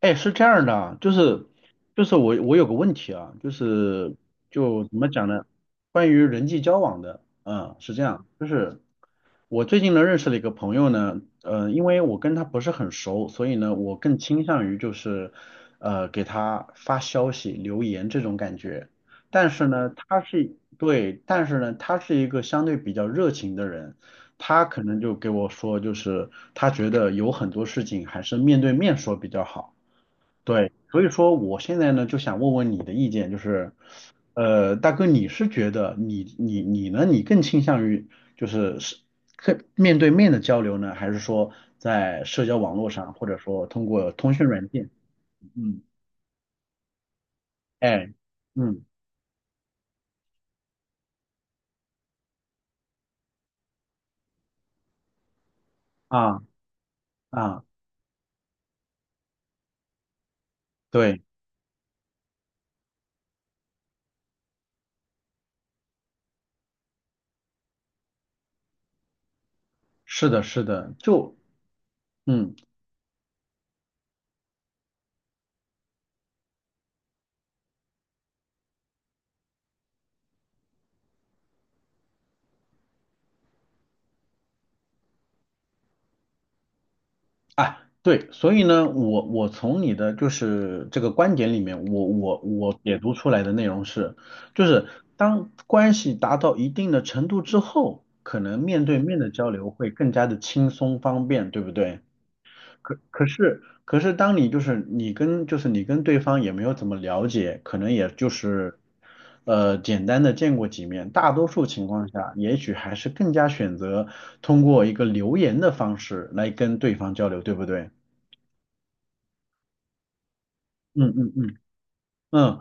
哎，是这样的啊，就是我有个问题啊，就是就怎么讲呢？关于人际交往的，是这样，就是我最近呢认识了一个朋友呢，因为我跟他不是很熟，所以呢，我更倾向于就是给他发消息、留言这种感觉。但是呢，他是对，但是呢，他是一个相对比较热情的人，他可能就给我说，就是他觉得有很多事情还是面对面说比较好。对，所以说我现在呢就想问问你的意见，就是，大哥，你是觉得你呢，你更倾向于就是更面对面的交流呢，还是说在社交网络上，或者说通过通讯软件？嗯，哎，嗯啊啊，对，是的，是的，就嗯。啊，对，所以呢，我从你的就是这个观点里面，我解读出来的内容是，就是当关系达到一定的程度之后，可能面对面的交流会更加的轻松方便，对不对？可是当你就是你跟对方也没有怎么了解，可能也就是简单的见过几面，大多数情况下，也许还是更加选择通过一个留言的方式来跟对方交流，对不对？嗯嗯嗯嗯，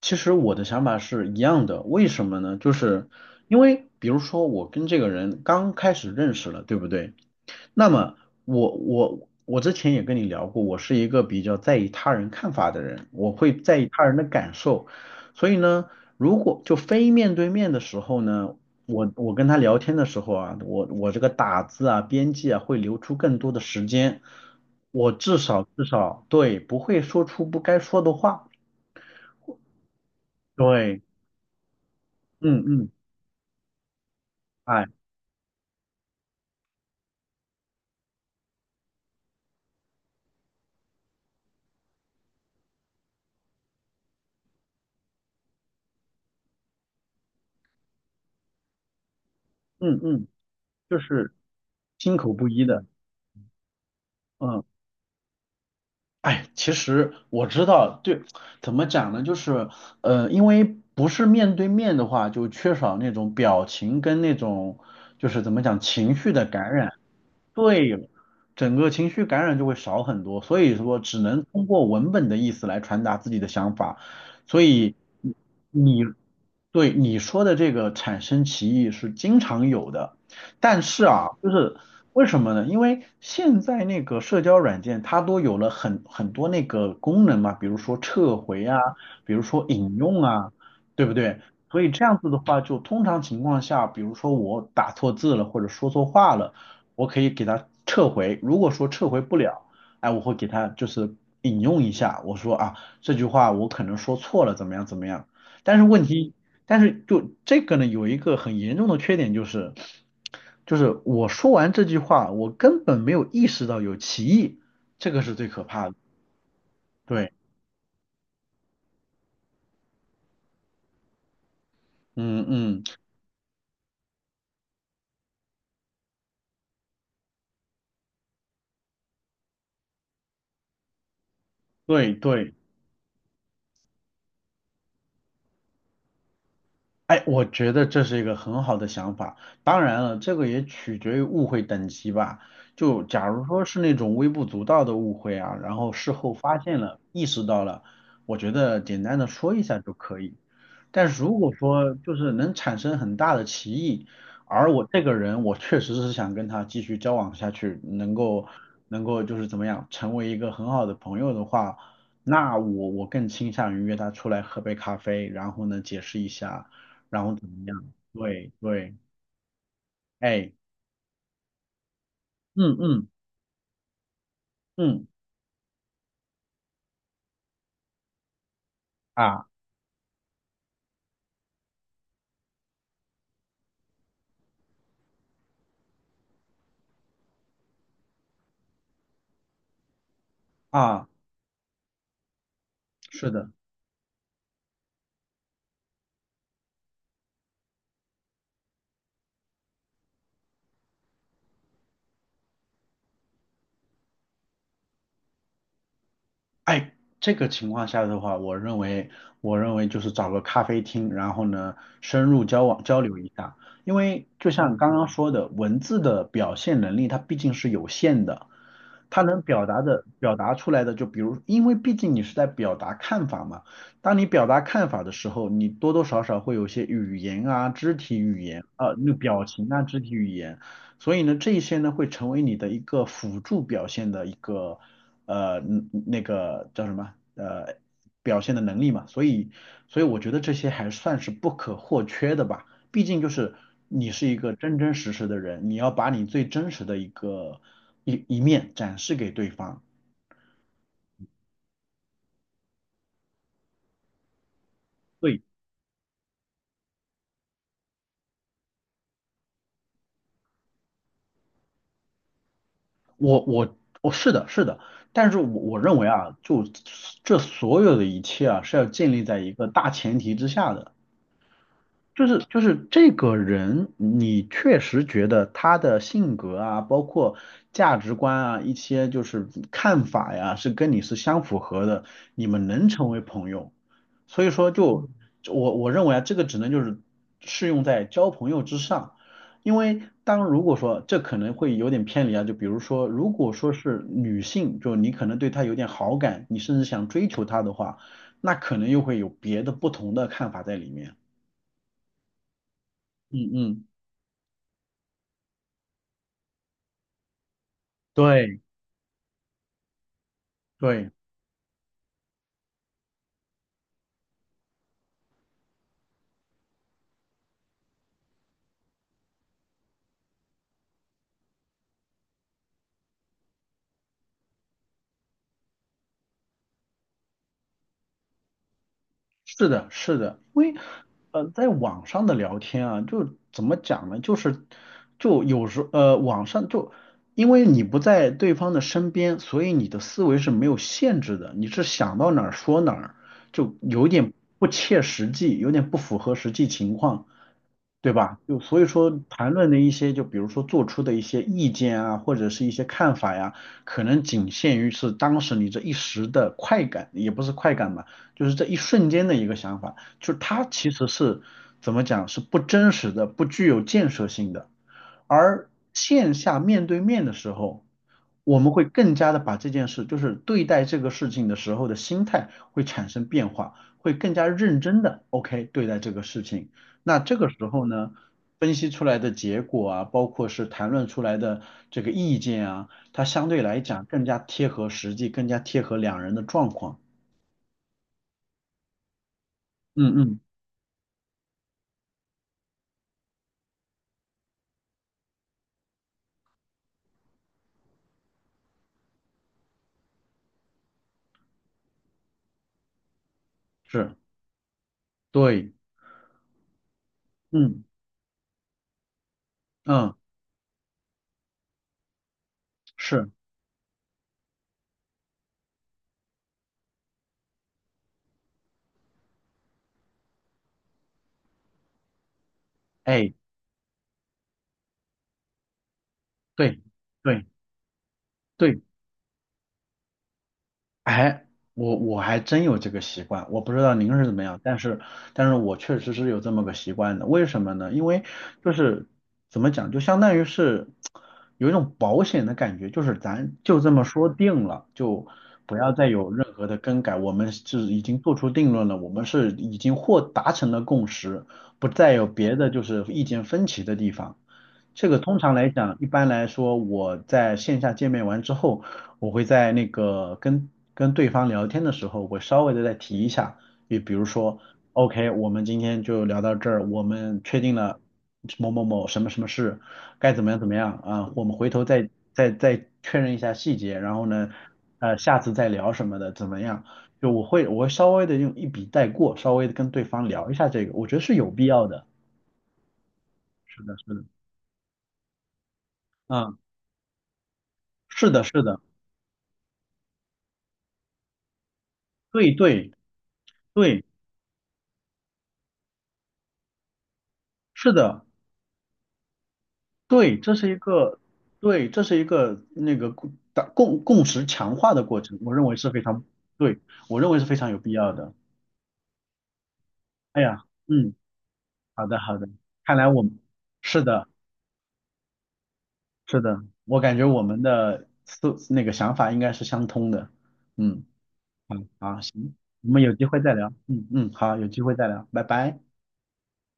其实我的想法是一样的，为什么呢？就是因为比如说我跟这个人刚开始认识了，对不对？那么我之前也跟你聊过，我是一个比较在意他人看法的人，我会在意他人的感受，所以呢，如果就非面对面的时候呢，我跟他聊天的时候啊，我这个打字啊、编辑啊会留出更多的时间，我至少至少对不会说出不该说的话。对，嗯嗯，哎，嗯嗯，就是心口不一的，嗯。哎，其实我知道，对，怎么讲呢？就是，因为不是面对面的话，就缺少那种表情跟那种，就是怎么讲，情绪的感染。对，整个情绪感染就会少很多，所以说只能通过文本的意思来传达自己的想法。所以你你对你说的这个产生歧义是经常有的，但是啊，就是为什么呢？因为现在那个社交软件它都有了很多那个功能嘛，比如说撤回啊，比如说引用啊，对不对？所以这样子的话，就通常情况下，比如说我打错字了或者说错话了，我可以给它撤回。如果说撤回不了，哎，我会给它就是引用一下，我说啊这句话我可能说错了，怎么样怎么样。但是问题但是就这个呢，有一个很严重的缺点就是，就是我说完这句话，我根本没有意识到有歧义，这个是最可怕的。对，嗯嗯，对对。哎，我觉得这是一个很好的想法。当然了，这个也取决于误会等级吧。就假如说是那种微不足道的误会啊，然后事后发现了、意识到了，我觉得简单的说一下就可以。但是如果说就是能产生很大的歧义，而我这个人我确实是想跟他继续交往下去，能够就是怎么样成为一个很好的朋友的话，那我更倾向于约他出来喝杯咖啡，然后呢解释一下。然后怎么样？对对，哎，嗯嗯嗯啊啊，是的。哎，这个情况下的话，我认为，我认为就是找个咖啡厅，然后呢，深入交往交流一下。因为就像刚刚说的，文字的表现能力它毕竟是有限的，它能表达的表达出来的，就比如，因为毕竟你是在表达看法嘛，当你表达看法的时候，你多多少少会有些语言啊、肢体语言啊、那表情啊、肢体语言，所以呢，这一些呢会成为你的一个辅助表现的一个。那个叫什么表现的能力嘛，所以我觉得这些还算是不可或缺的吧，毕竟就是你是一个真真实实的人，你要把你最真实的一个一面展示给对方。对，我是的是的，但是我认为啊，就这所有的一切啊是要建立在一个大前提之下的。就是这个人，你确实觉得他的性格啊，包括价值观啊，一些就是看法呀，是跟你是相符合的，你们能成为朋友。所以说就，我认为啊，这个只能就是适用在交朋友之上，因为当如果说这可能会有点偏离啊，就比如说，如果说是女性，就你可能对她有点好感，你甚至想追求她的话，那可能又会有别的不同的看法在里面。嗯嗯。对对，是的，是的，因为在网上的聊天啊，就怎么讲呢？就是就有时网上就因为你不在对方的身边，所以你的思维是没有限制的，你是想到哪儿说哪儿，就有点不切实际，有点不符合实际情况。对吧？就所以说，谈论的一些，就比如说做出的一些意见啊，或者是一些看法呀，可能仅限于是当时你这一时的快感，也不是快感吧，就是这一瞬间的一个想法，就是它其实是怎么讲，是不真实的，不具有建设性的。而线下面对面的时候，我们会更加的把这件事，就是对待这个事情的时候的心态会产生变化，会更加认真的 OK 对待这个事情。那这个时候呢，分析出来的结果啊，包括是谈论出来的这个意见啊，它相对来讲更加贴合实际，更加贴合两人的状况。嗯嗯，是，对，嗯嗯是，哎，对对对。哎，我还真有这个习惯，我不知道您是怎么样，但是我确实是有这么个习惯的。为什么呢？因为就是怎么讲，就相当于是有一种保险的感觉，就是咱就这么说定了，就不要再有任何的更改。我们是已经做出定论了，我们是已经或达成了共识，不再有别的就是意见分歧的地方。这个通常来讲，一般来说，我在线下见面完之后。我会在那个跟对方聊天的时候，我稍微的再提一下，也比如说，OK，我们今天就聊到这儿，我们确定了某某某什么什么事，该怎么样怎么样啊，我们回头再确认一下细节，然后呢，下次再聊什么的怎么样？就我会稍微的用一笔带过，稍微的跟对方聊一下这个，我觉得是有必要的。是的，是的，嗯，是的，是的，对对。对，是的，对，这是一个，对，这是一个那个共打共共识强化的过程，我认为是非常，对，我认为是非常有必要的。哎呀，嗯，好的好的，看来我们是的是的，我感觉我们的那个想法应该是相通的。嗯，好，好，行，我们有机会再聊。嗯嗯，好，有机会再聊，拜拜。